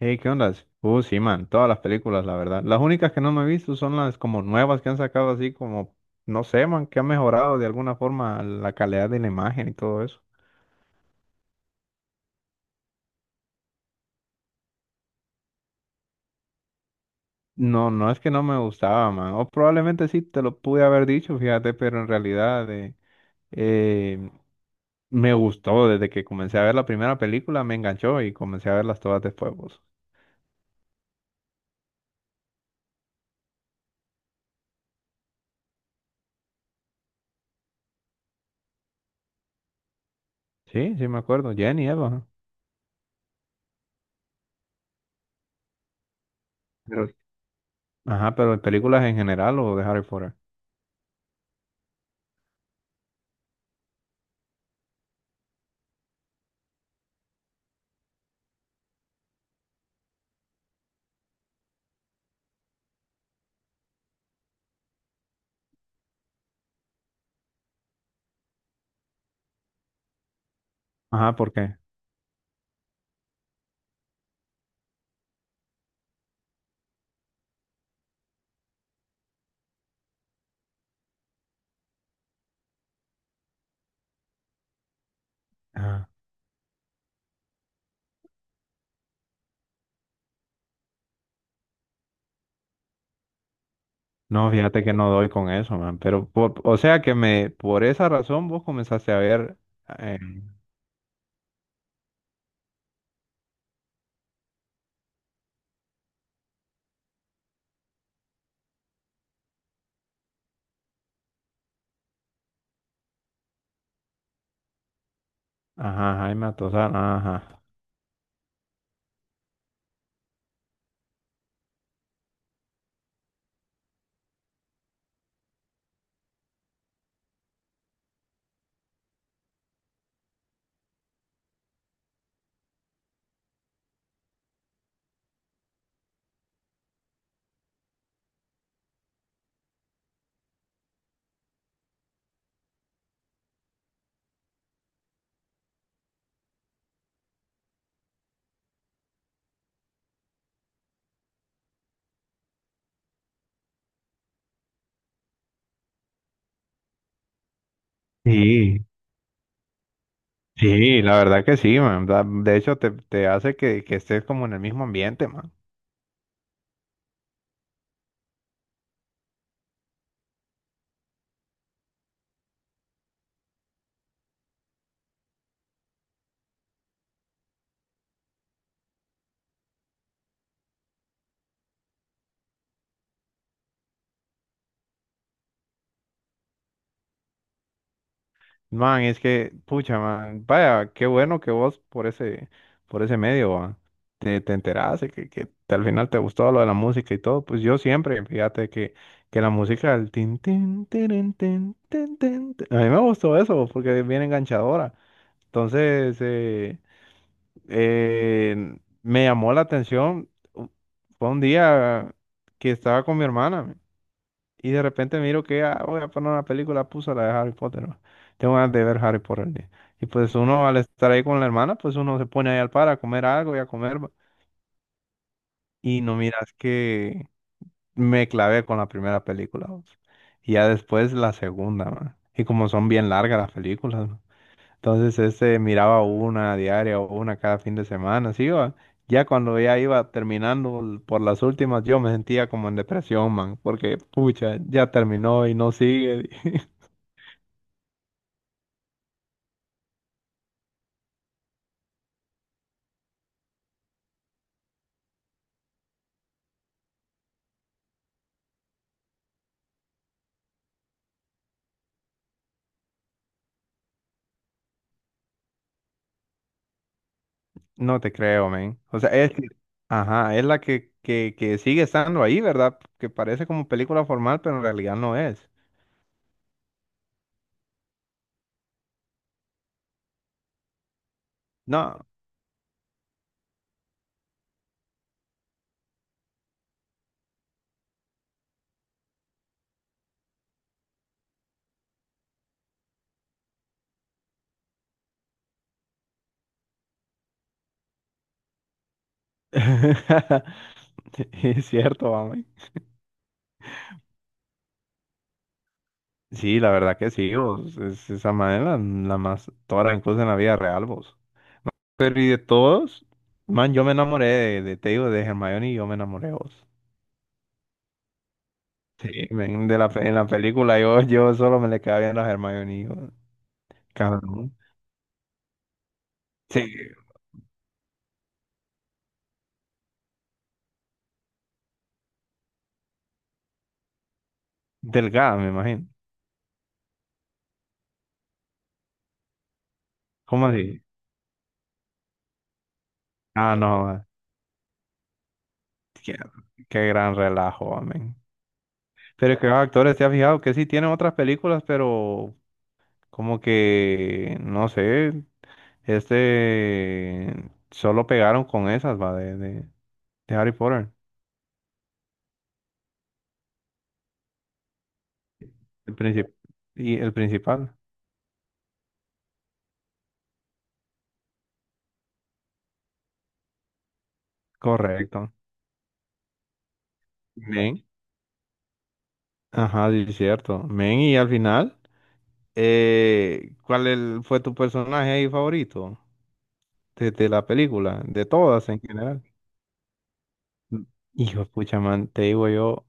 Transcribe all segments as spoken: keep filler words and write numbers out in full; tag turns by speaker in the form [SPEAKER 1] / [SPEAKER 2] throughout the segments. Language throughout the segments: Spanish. [SPEAKER 1] Hey, ¿qué onda? Uh, sí, man, todas las películas, la verdad. Las únicas que no me he visto son las como nuevas que han sacado así como, no sé, man, que han mejorado de alguna forma la calidad de la imagen y todo eso. No, no es que no me gustaba, man. O probablemente sí te lo pude haber dicho, fíjate, pero en realidad eh, eh, me gustó desde que comencé a ver la primera película, me enganchó y comencé a verlas todas después, vos. Sí, sí me acuerdo, Jenny, Eva. Pero... Ajá, pero en películas en general o de Harry Potter. Ajá, ¿por qué? Ajá. No, fíjate que no doy con eso, man. Pero, por- o sea que me, por esa razón vos comenzaste a ver, eh, ajá, Jaime Atozán, ajá. Sí, sí, la verdad que sí, man. Da- De hecho, te, te hace que, que estés como en el mismo ambiente, man. Man, es que, pucha, man, vaya, qué bueno que vos por ese, por ese medio, va. Te, te enteraste que, que te- al final te gustó lo de la música y todo. Pues yo siempre, fíjate que, que la música, el tin, tin, tirin, tin, tin, tin, tin, a mí me gustó eso porque es bien enganchadora. Entonces, eh, eh, me llamó la atención. U- fue un día que estaba con mi hermana. Y de repente miro que ah, voy a poner una película, puso la de Harry Potter, ¿no? Tengo ganas de ver Harry Potter, ¿no? Y pues uno al estar ahí con la hermana, pues uno se pone ahí al par a comer algo y a comer, ¿va? Y no miras que me clavé con la primera película, ¿va? Y ya después la segunda, man. Y como son bien largas las películas, ¿va? Entonces este miraba una diaria o una cada fin de semana, así va. Ya cuando ya iba terminando l- por las últimas, yo me sentía como en depresión, man, porque pucha, ya terminó y no sigue. No te creo, men. O sea, es, ajá, es la que, que, que sigue estando ahí, ¿verdad? Que parece como película formal, pero en realidad no es. No. Es cierto, mami. Sí, la verdad que sí, vos. Es esa manera la más tora, incluso en la vida real, vos. Pero y de todos, man, yo me enamoré de, de te digo, de Hermione y yo me enamoré de vos. Sí, men, de la, pe- en la película yo, yo solo me le quedaba viendo a Hermione. Y yo, cabrón. Sí, delgada, me imagino. ¿Cómo así? Ah, no, ah, qué, qué gran relajo, amén. Pero es que los actores, ¿te has fijado que sí tienen otras películas, pero como que, no sé, este, solo pegaron con esas, va, de, de, de Harry Potter, el princip- y el principal, correcto. Men. Ajá, sí, es cierto. Men, y al final, eh, ¿cuál el- fue tu personaje ahí favorito de, de la película, de todas en general? Mm. Hijo de pucha, man, te digo yo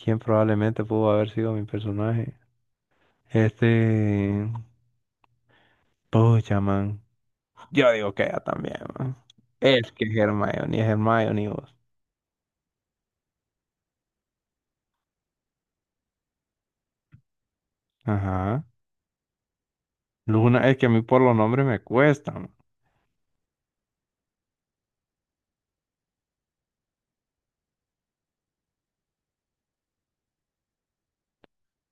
[SPEAKER 1] quién probablemente pudo haber sido mi personaje. Este, pucha, man. Yo digo que ella también, man. Es que Hermione, es Hermione vos. Ajá. Luna, es que a mí por los nombres me cuestan, man.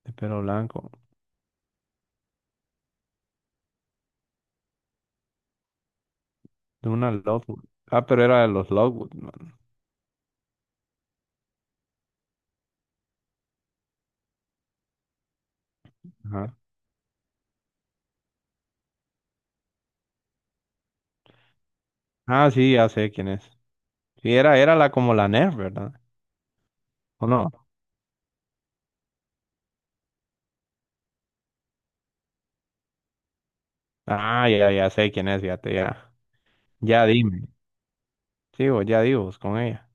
[SPEAKER 1] De pelo blanco. Luna Lovegood. Ah, pero era de los Lovegood, man. Ajá. Ah, sí, ya sé quién es. Sí, era, era la como la Nerf, ¿verdad? ¿O no? Ah, ya, ya sé quién es, fíjate, ya. Ya dime. Sí, vos, ya digo, vos, con ella.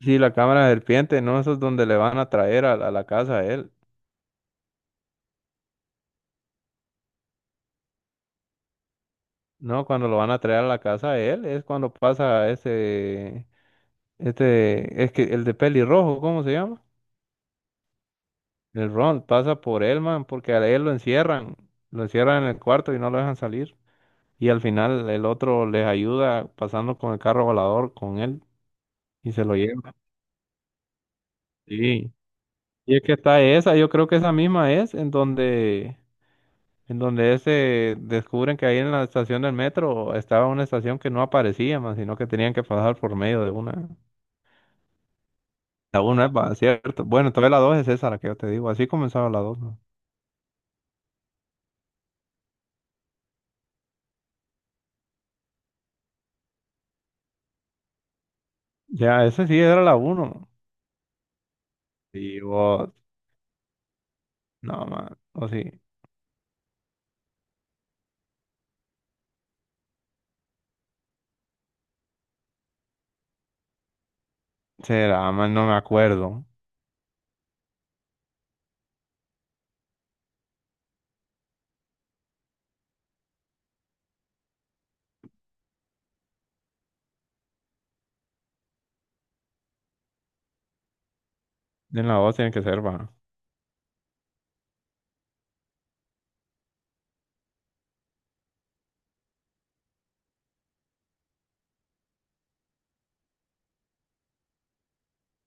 [SPEAKER 1] Sí, la cámara de serpiente, ¿no? Eso es donde le van a traer a, la a la casa a él. No, cuando lo van a traer a la casa a él es cuando pasa ese, este, es que el de pelirrojo, ¿cómo se llama? El Ron pasa por él, man, porque a él lo encierran, lo encierran en el cuarto y no lo dejan salir. Y al final el otro les ayuda pasando con el carro volador con él y se lo lleva. Sí. Y es que está esa, yo creo que esa misma es en donde en donde se descubren que ahí en la estación del metro estaba una estación que no aparecía más, sino que tenían que pasar por medio de una. La una es va- cierto. Bueno, entonces la dos es esa la que yo te digo. Así comenzaba la dos, ¿no? Ya, ese sí era la uno. Y vos, no, man. O sí. Será, man, no me acuerdo. En la dos tiene que ser, va.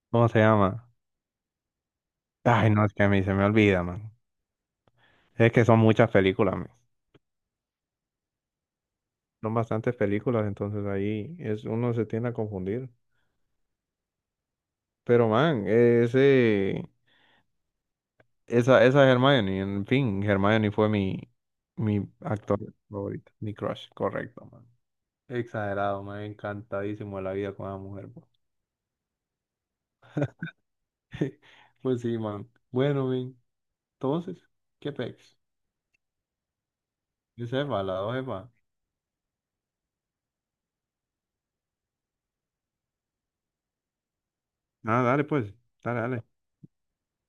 [SPEAKER 1] ¿Cómo se llama? Ay, no, es que a mí se me olvida, man. Es que son muchas películas, man. Son bastantes películas, entonces ahí es, uno se tiende a confundir. Pero, man, ese. Esa, esa Hermione, en fin, Hermione fue mi, mi actor favorito, mi crush, correcto, man. Exagerado, man, encantadísimo de la vida con esa mujer, po. Pues sí, man. Bueno, man, entonces, ¿qué pex? Yo sepa, la dos sepa. Ah, dale, pues, dale, dale.